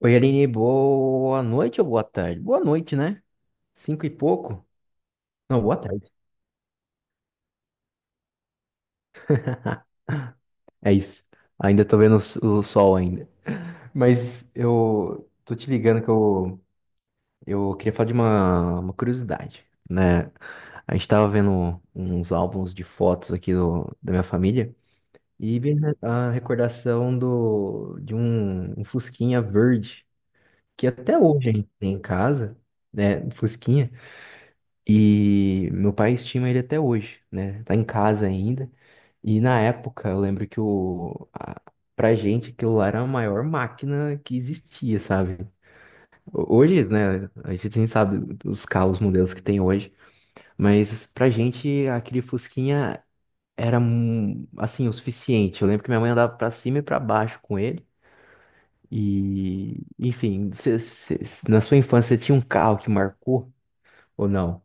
Oi, Aline, boa noite ou boa tarde? Boa noite, né? Cinco e pouco? Não, boa tarde. É isso. Ainda tô vendo o sol ainda. Mas eu tô te ligando que eu queria falar de uma curiosidade, né? A gente tava vendo uns álbuns de fotos aqui da minha família e vi a recordação de um fusquinha verde, que até hoje a gente tem em casa, né? Um Fusquinha. E meu pai estima ele até hoje, né? Tá em casa ainda. E na época, eu lembro pra gente, aquilo lá era a maior máquina que existia, sabe? Hoje, né? A gente nem sabe os carros, modelos que tem hoje. Mas pra gente, aquele Fusquinha era, assim, o suficiente. Eu lembro que minha mãe andava pra cima e pra baixo com ele. E, enfim, na sua infância, você tinha um carro que marcou ou não?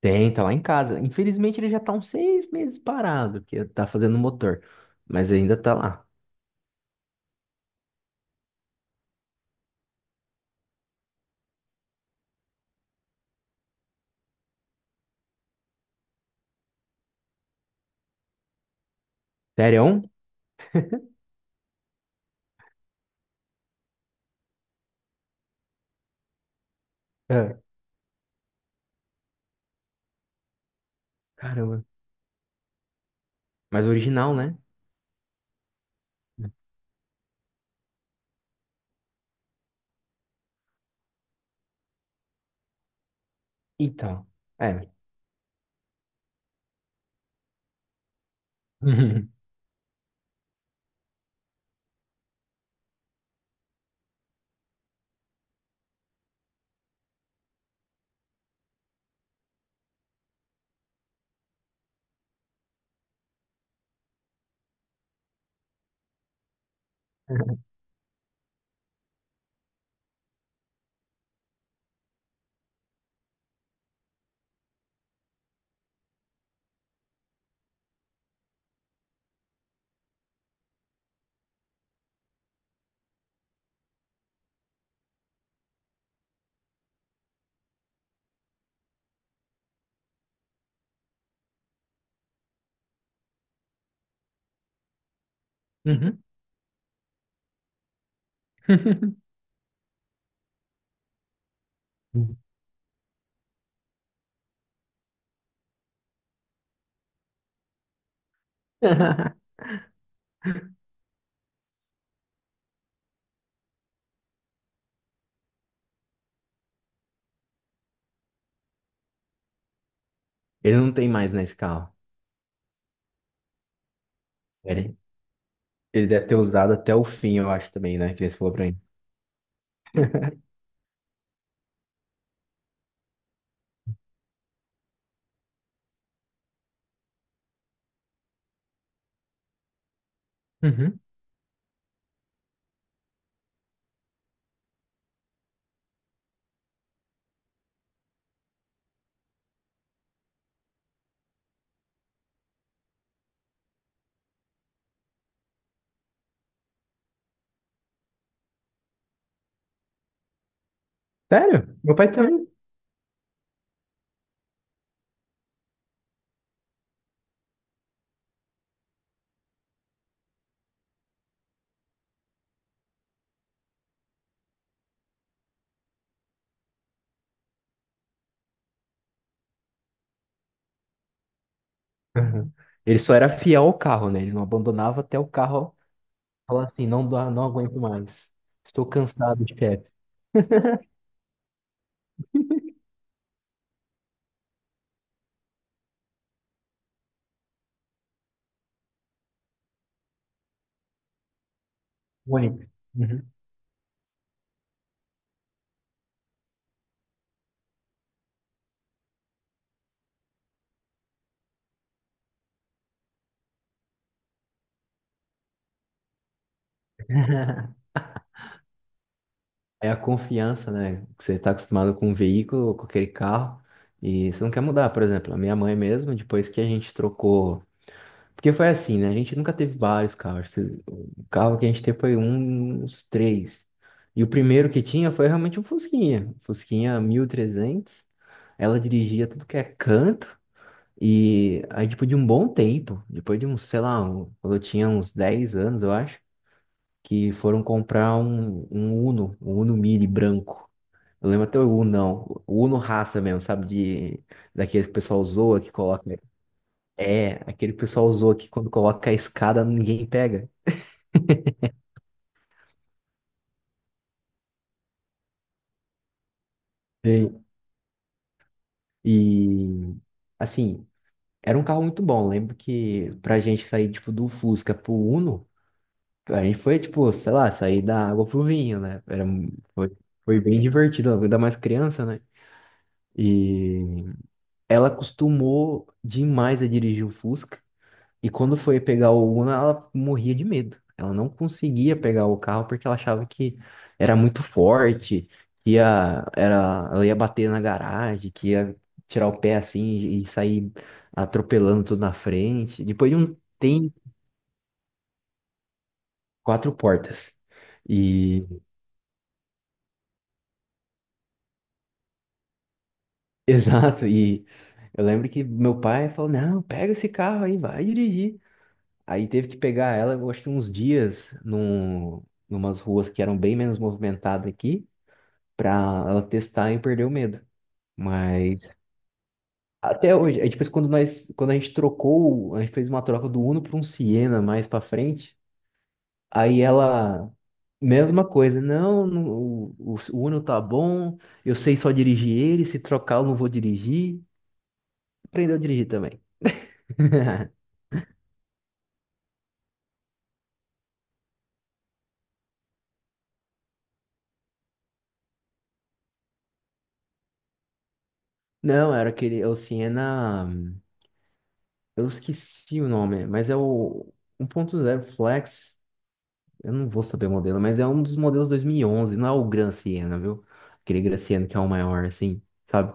Tem, tá lá em casa. Infelizmente ele já tá uns seis meses parado, que é, tá fazendo motor. Mas ainda tá lá. Sério? É. Caramba. Mas original, né? Então. É. Uhum. Uhum. Ele não tem mais nesse carro. Ele, ele deve ter usado até o fim, eu acho também, né? Que ele falou pra mim. Uhum. Sério? Meu pai também. Uhum. Ele só era fiel ao carro, né? Ele não abandonava até o carro falar assim, não, não aguento mais. Estou cansado, chefe. Única. Uhum. É a confiança, né? Que você está acostumado com um veículo, com aquele carro, e você não quer mudar. Por exemplo, a minha mãe mesmo, depois que a gente trocou. Porque foi assim, né? A gente nunca teve vários carros. Acho que o carro que a gente teve foi uns três. E o primeiro que tinha foi realmente um Fusquinha. Fusquinha 1300. Ela dirigia tudo que é canto. E aí, depois de um bom tempo, depois de uns, sei lá, quando eu tinha uns 10 anos, eu acho que foram comprar um Uno, um Uno Mini branco. Eu lembro até o Uno, não. O Uno raça mesmo, sabe? Daquele que o pessoal zoa que coloca. É, aquele que o pessoal zoa que quando coloca a escada ninguém pega. Sim. E, assim, era um carro muito bom. Eu lembro que pra gente sair, tipo, do Fusca pro Uno, a gente foi, tipo, sei lá, sair da água pro vinho, né? Foi, foi bem divertido, ainda mais criança, né? E ela acostumou demais a dirigir o Fusca. E quando foi pegar o Uno, ela morria de medo. Ela não conseguia pegar o carro porque ela achava que era muito forte, ela ia bater na garagem, que ia tirar o pé assim e sair atropelando tudo na frente. Depois de um tem quatro portas. E exato, e eu lembro que meu pai falou: "Não, pega esse carro aí, vai dirigir". Aí teve que pegar ela, eu acho que uns dias numas ruas que eram bem menos movimentadas aqui, pra ela testar e perder o medo. Mas até hoje, é tipo assim, quando a gente trocou, a gente fez uma troca do Uno para um Siena mais pra frente, aí ela mesma coisa, não, não, o Uno tá bom, eu sei só dirigir ele, se trocar eu não vou dirigir. Aprendeu a dirigir também. Não, era aquele, é o Siena, eu esqueci o nome, mas é o 1.0 Flex. Eu não vou saber o modelo, mas é um dos modelos 2011, não é o Gran Siena, viu? Aquele Gran Siena que é o maior, assim, sabe?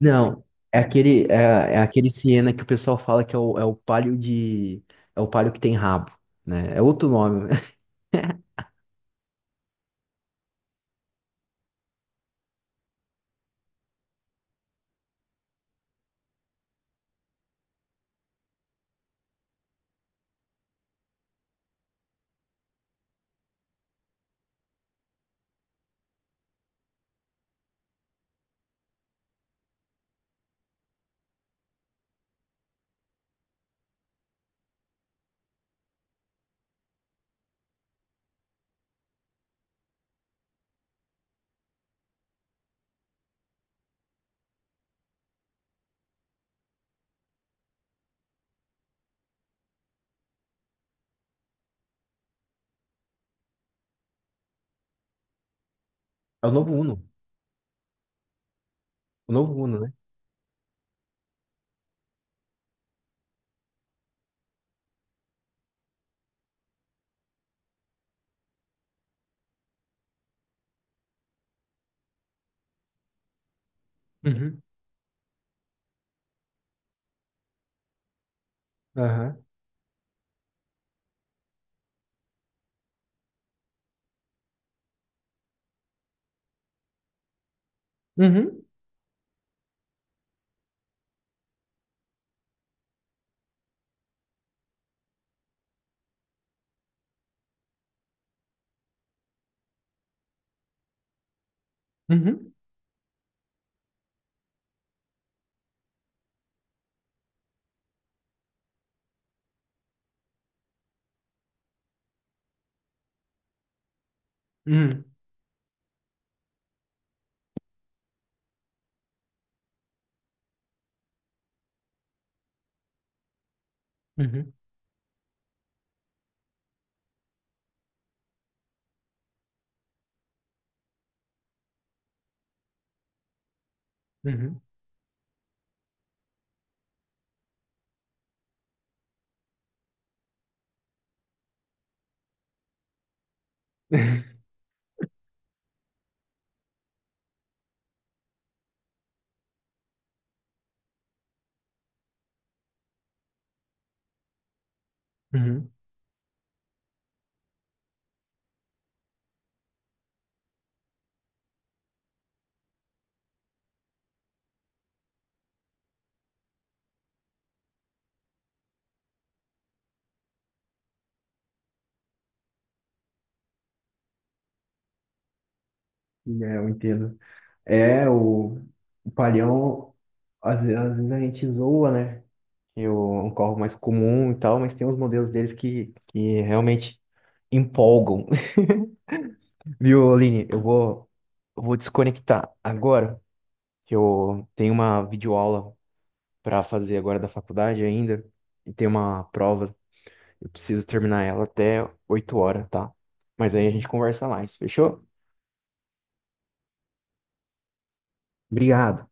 Não, é aquele, é aquele Siena que o pessoal fala que é o Palio de... É o Palio que tem rabo, né? É outro nome. É o novo Uno. O novo Uno, né? Uhum. Aham. Uhum. Uhum. Uhum. Uhum. Uhum. Uhum. É, eu entendo. É, o palhão, às vezes a gente zoa, né? Um carro mais comum e tal, mas tem uns modelos deles que realmente empolgam. Viu, Aline? Eu vou desconectar agora, que eu tenho uma videoaula para fazer agora da faculdade ainda, e tem uma prova, eu preciso terminar ela até 8 horas, tá? Mas aí a gente conversa mais, fechou? Obrigado.